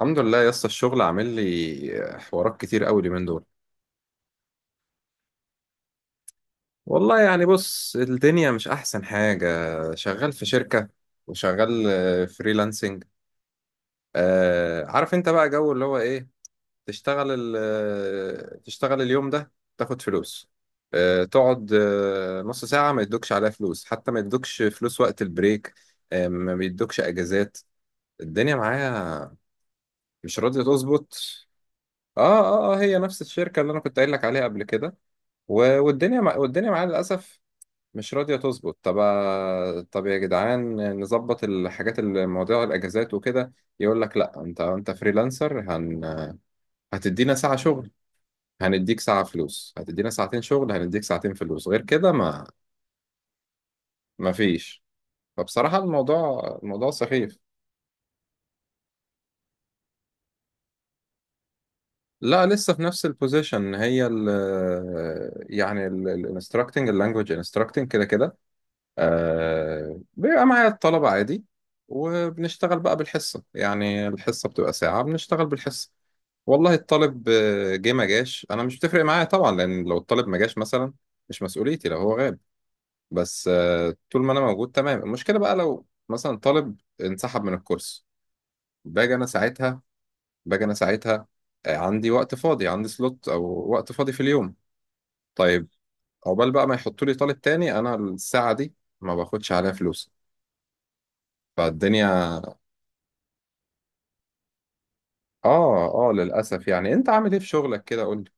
الحمد لله يا اسطى، الشغل عامل لي حوارات كتير قوي اليومين دول. والله يعني بص، الدنيا مش احسن حاجة. شغال في شركة، وشغال فريلانسنج. آه عارف انت بقى جو اللي هو ايه. تشتغل ال- تشتغل اليوم ده، تاخد فلوس. تقعد نص ساعة ما يدوكش عليها فلوس، حتى ما يدوكش فلوس وقت البريك. ما بيدوكش اجازات. الدنيا معايا مش راضية تظبط. اه اه اه، هي نفس الشركة اللي انا كنت قايل لك عليها قبل كده. والدنيا معانا للأسف مش راضية تظبط. طب طب يا جدعان، نظبط الحاجات، المواضيع، الأجازات وكده. يقول لك لا، أنت فريلانسر، هتدينا ساعة شغل هنديك ساعة فلوس، هتدينا ساعتين شغل هنديك ساعتين فلوس، غير كده ما فيش. فبصراحة الموضوع سخيف. لا لسه في نفس البوزيشن، هي ال يعني الانستراكتنج، اللانجوج انستراكتنج كده كده. آه بيبقى معايا الطلبة عادي، وبنشتغل بقى بالحصة. يعني الحصة بتبقى ساعة، بنشتغل بالحصة. والله الطالب جه ما جاش أنا مش بتفرق معايا طبعا، لأن لو الطالب ما جاش مثلا مش مسؤوليتي لو هو غاب. بس آه طول ما أنا موجود تمام. المشكلة بقى لو مثلا طالب انسحب من الكورس، باجي أنا ساعتها باجي أنا ساعتها عندي وقت فاضي، عندي سلوت أو وقت فاضي في اليوم. طيب عقبال بقى ما يحطوا لي طالب تاني أنا الساعة دي ما باخدش عليها فلوس. فالدنيا. اه اه للاسف. يعني انت عامل ايه في شغلك كده؟ قول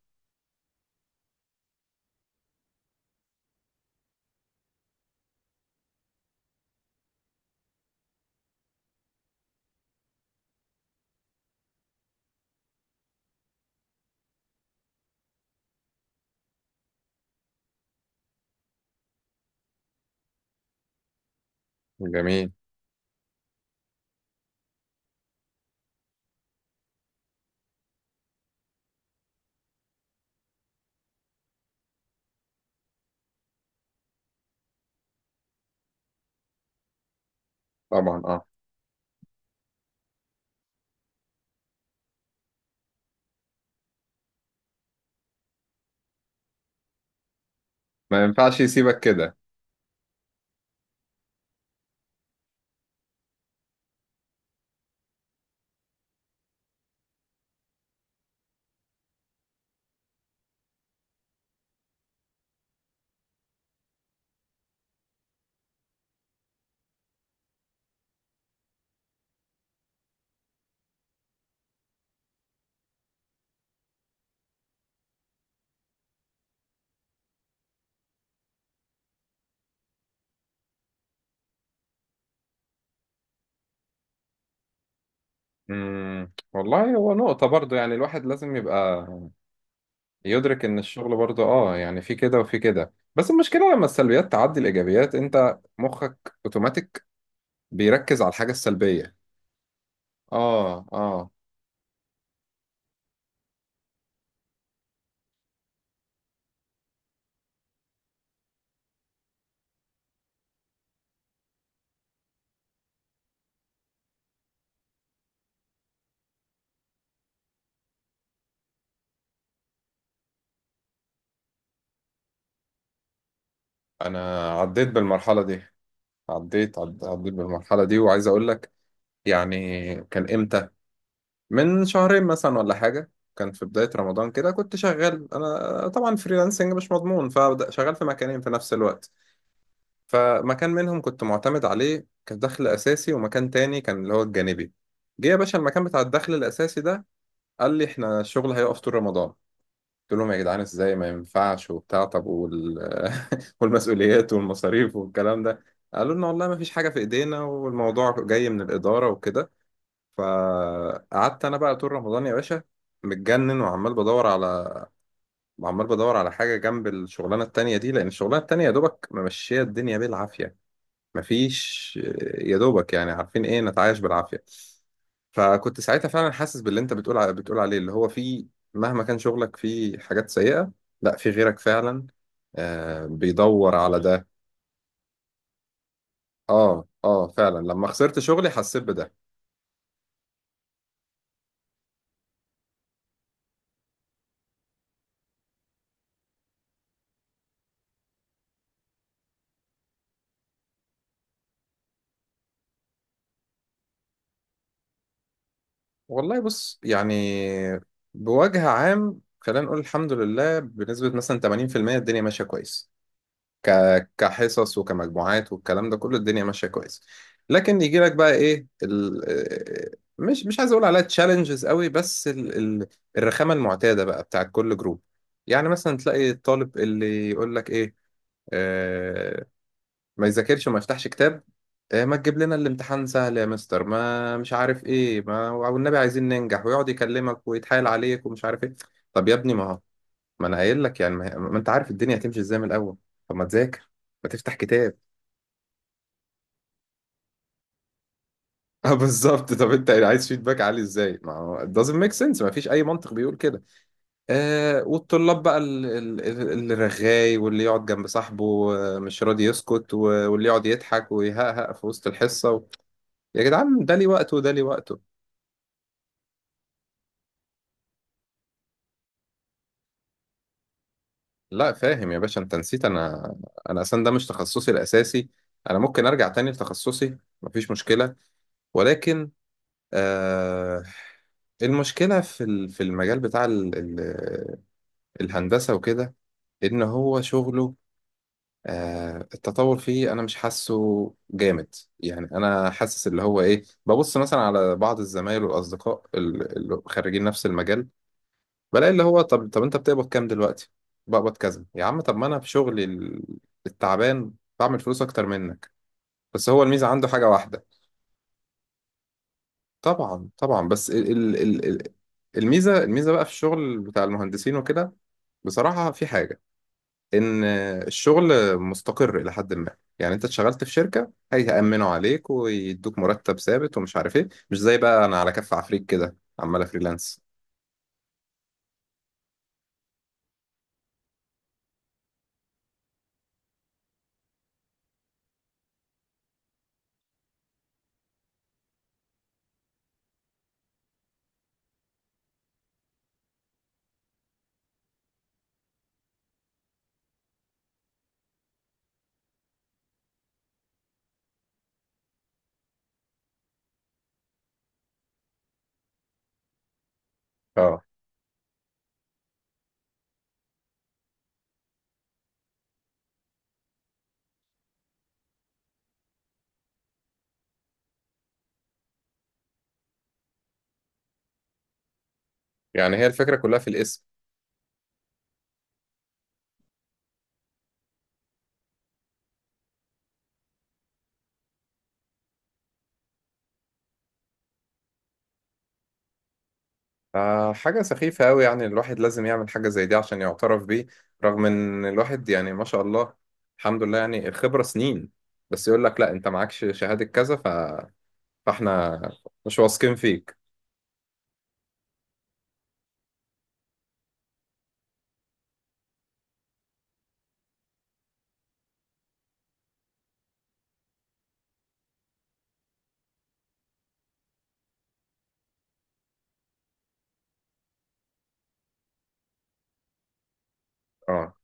لي. جميل. طبعا اه. ما ينفعش يسيبك كده. والله، هو نقطة برضو، يعني الواحد لازم يبقى يدرك ان الشغل برضو اه يعني في كده وفي كده، بس المشكلة لما السلبيات تعدي الايجابيات انت مخك اوتوماتيك بيركز على الحاجة السلبية. اه اه. انا عديت بالمرحلة دي، عديت بالمرحلة دي وعايز اقول لك. يعني كان امتى؟ من شهرين مثلا ولا حاجة. كان في بداية رمضان كده، كنت شغال أنا طبعا فريلانسنج مش مضمون، فشغال في مكانين في نفس الوقت. فمكان منهم كنت معتمد عليه كدخل أساسي، ومكان تاني كان اللي هو الجانبي. جه يا باشا المكان بتاع الدخل الأساسي ده قال لي إحنا الشغل هيقف طول رمضان. قلت لهم يا جدعان إزاي؟ ما ينفعش والمسؤوليات والمصاريف والكلام ده. قالوا لنا والله ما فيش حاجة في إيدينا، والموضوع جاي من الإدارة وكده. فقعدت انا بقى طول رمضان يا باشا متجنن، وعمال بدور على حاجه جنب الشغلانه التانية دي، لان الشغلانه التانية يا دوبك ممشيه الدنيا بالعافيه. مفيش. يا دوبك يعني، عارفين ايه، نتعايش بالعافيه. فكنت ساعتها فعلا حاسس باللي انت بتقول عليه اللي هو في، مهما كان شغلك في حاجات سيئه، لا في غيرك فعلا. آه بيدور على ده. اه اه فعلا، لما خسرت شغلي حسيت بده. والله بص يعني، بوجه عام خلينا نقول الحمد لله بنسبة مثلا 80% الدنيا ماشية كويس. ك... كحصص وكمجموعات والكلام ده كله الدنيا ماشية كويس. لكن يجي لك بقى ايه مش عايز اقول عليها تشالنجز قوي، بس ال... الرخامة المعتادة بقى بتاعت كل جروب. يعني مثلا تلاقي الطالب اللي يقول لك ايه، آه، ما يذاكرش وما يفتحش كتاب. ما تجيب لنا الامتحان سهل يا مستر، ما مش عارف ايه، ما والنبي عايزين ننجح، ويقعد يكلمك ويتحايل عليك ومش عارف ايه. طب يا ابني ما هو، ما انا قايل لك يعني، ما انت عارف الدنيا هتمشي ازاي من الاول. طب ما تذاكر، ما تفتح كتاب. اه بالظبط، طب انت عايز فيدباك عالي ازاي؟ ما هو it doesn't make sense، ما فيش اي منطق بيقول كده. آه والطلاب بقى اللي رغاي واللي يقعد جنب صاحبه مش راضي يسكت واللي يقعد يضحك ويهقهق في وسط الحصة. يا جدعان ده لي وقته وده لي وقته. لا فاهم يا باشا، انت نسيت، انا اصلا ده مش تخصصي الاساسي. انا ممكن ارجع تاني لتخصصي مفيش مشكله. ولكن آه المشكله في في المجال بتاع ال ال الهندسه وكده، ان هو شغله آه التطور فيه انا مش حاسه جامد. يعني انا حاسس اللي هو ايه، ببص مثلا على بعض الزمايل والاصدقاء اللي خريجين نفس المجال، بلاقي اللي هو طب طب انت بتقبض كام دلوقتي؟ بقبض كذا يا عم. طب ما انا في شغلي التعبان بعمل فلوس اكتر منك. بس هو الميزه عنده حاجه واحده. طبعا طبعا، بس الميزه بقى في الشغل بتاع المهندسين وكده. بصراحه في حاجه، ان الشغل مستقر الى حد ما. يعني انت اتشغلت في شركه، هيأمنوا عليك ويدوك مرتب ثابت ومش عارف ايه، مش زي بقى انا على كف عفريت كده عمال فريلانس. اه يعني هي الفكره كلها في الاسم. فحاجة سخيفة أوي يعني، الواحد لازم يعمل حاجة زي دي عشان يعترف بيه، رغم إن الواحد يعني ما شاء الله الحمد لله يعني الخبرة سنين، بس يقول لك لا أنت معكش شهادة كذا فإحنا مش واثقين فيك. أه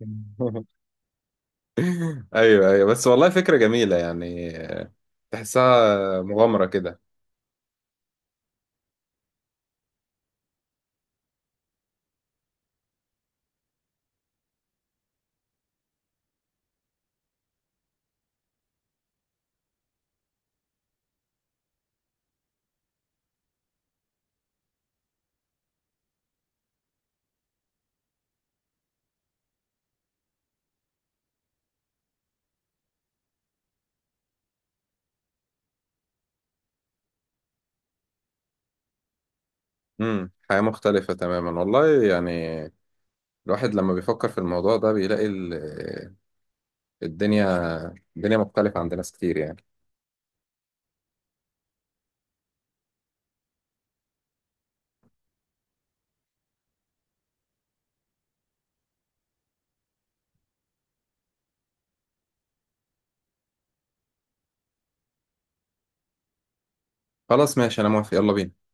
أيوه أيوه، بس والله فكرة جميلة يعني، تحسها مغامرة كده. حياة مختلفة تماما والله يعني. الواحد لما بيفكر في الموضوع ده بيلاقي الدنيا الدنيا مختلفة عند ناس كتير يعني. خلاص ماشي، أنا موافق، يلا بينا.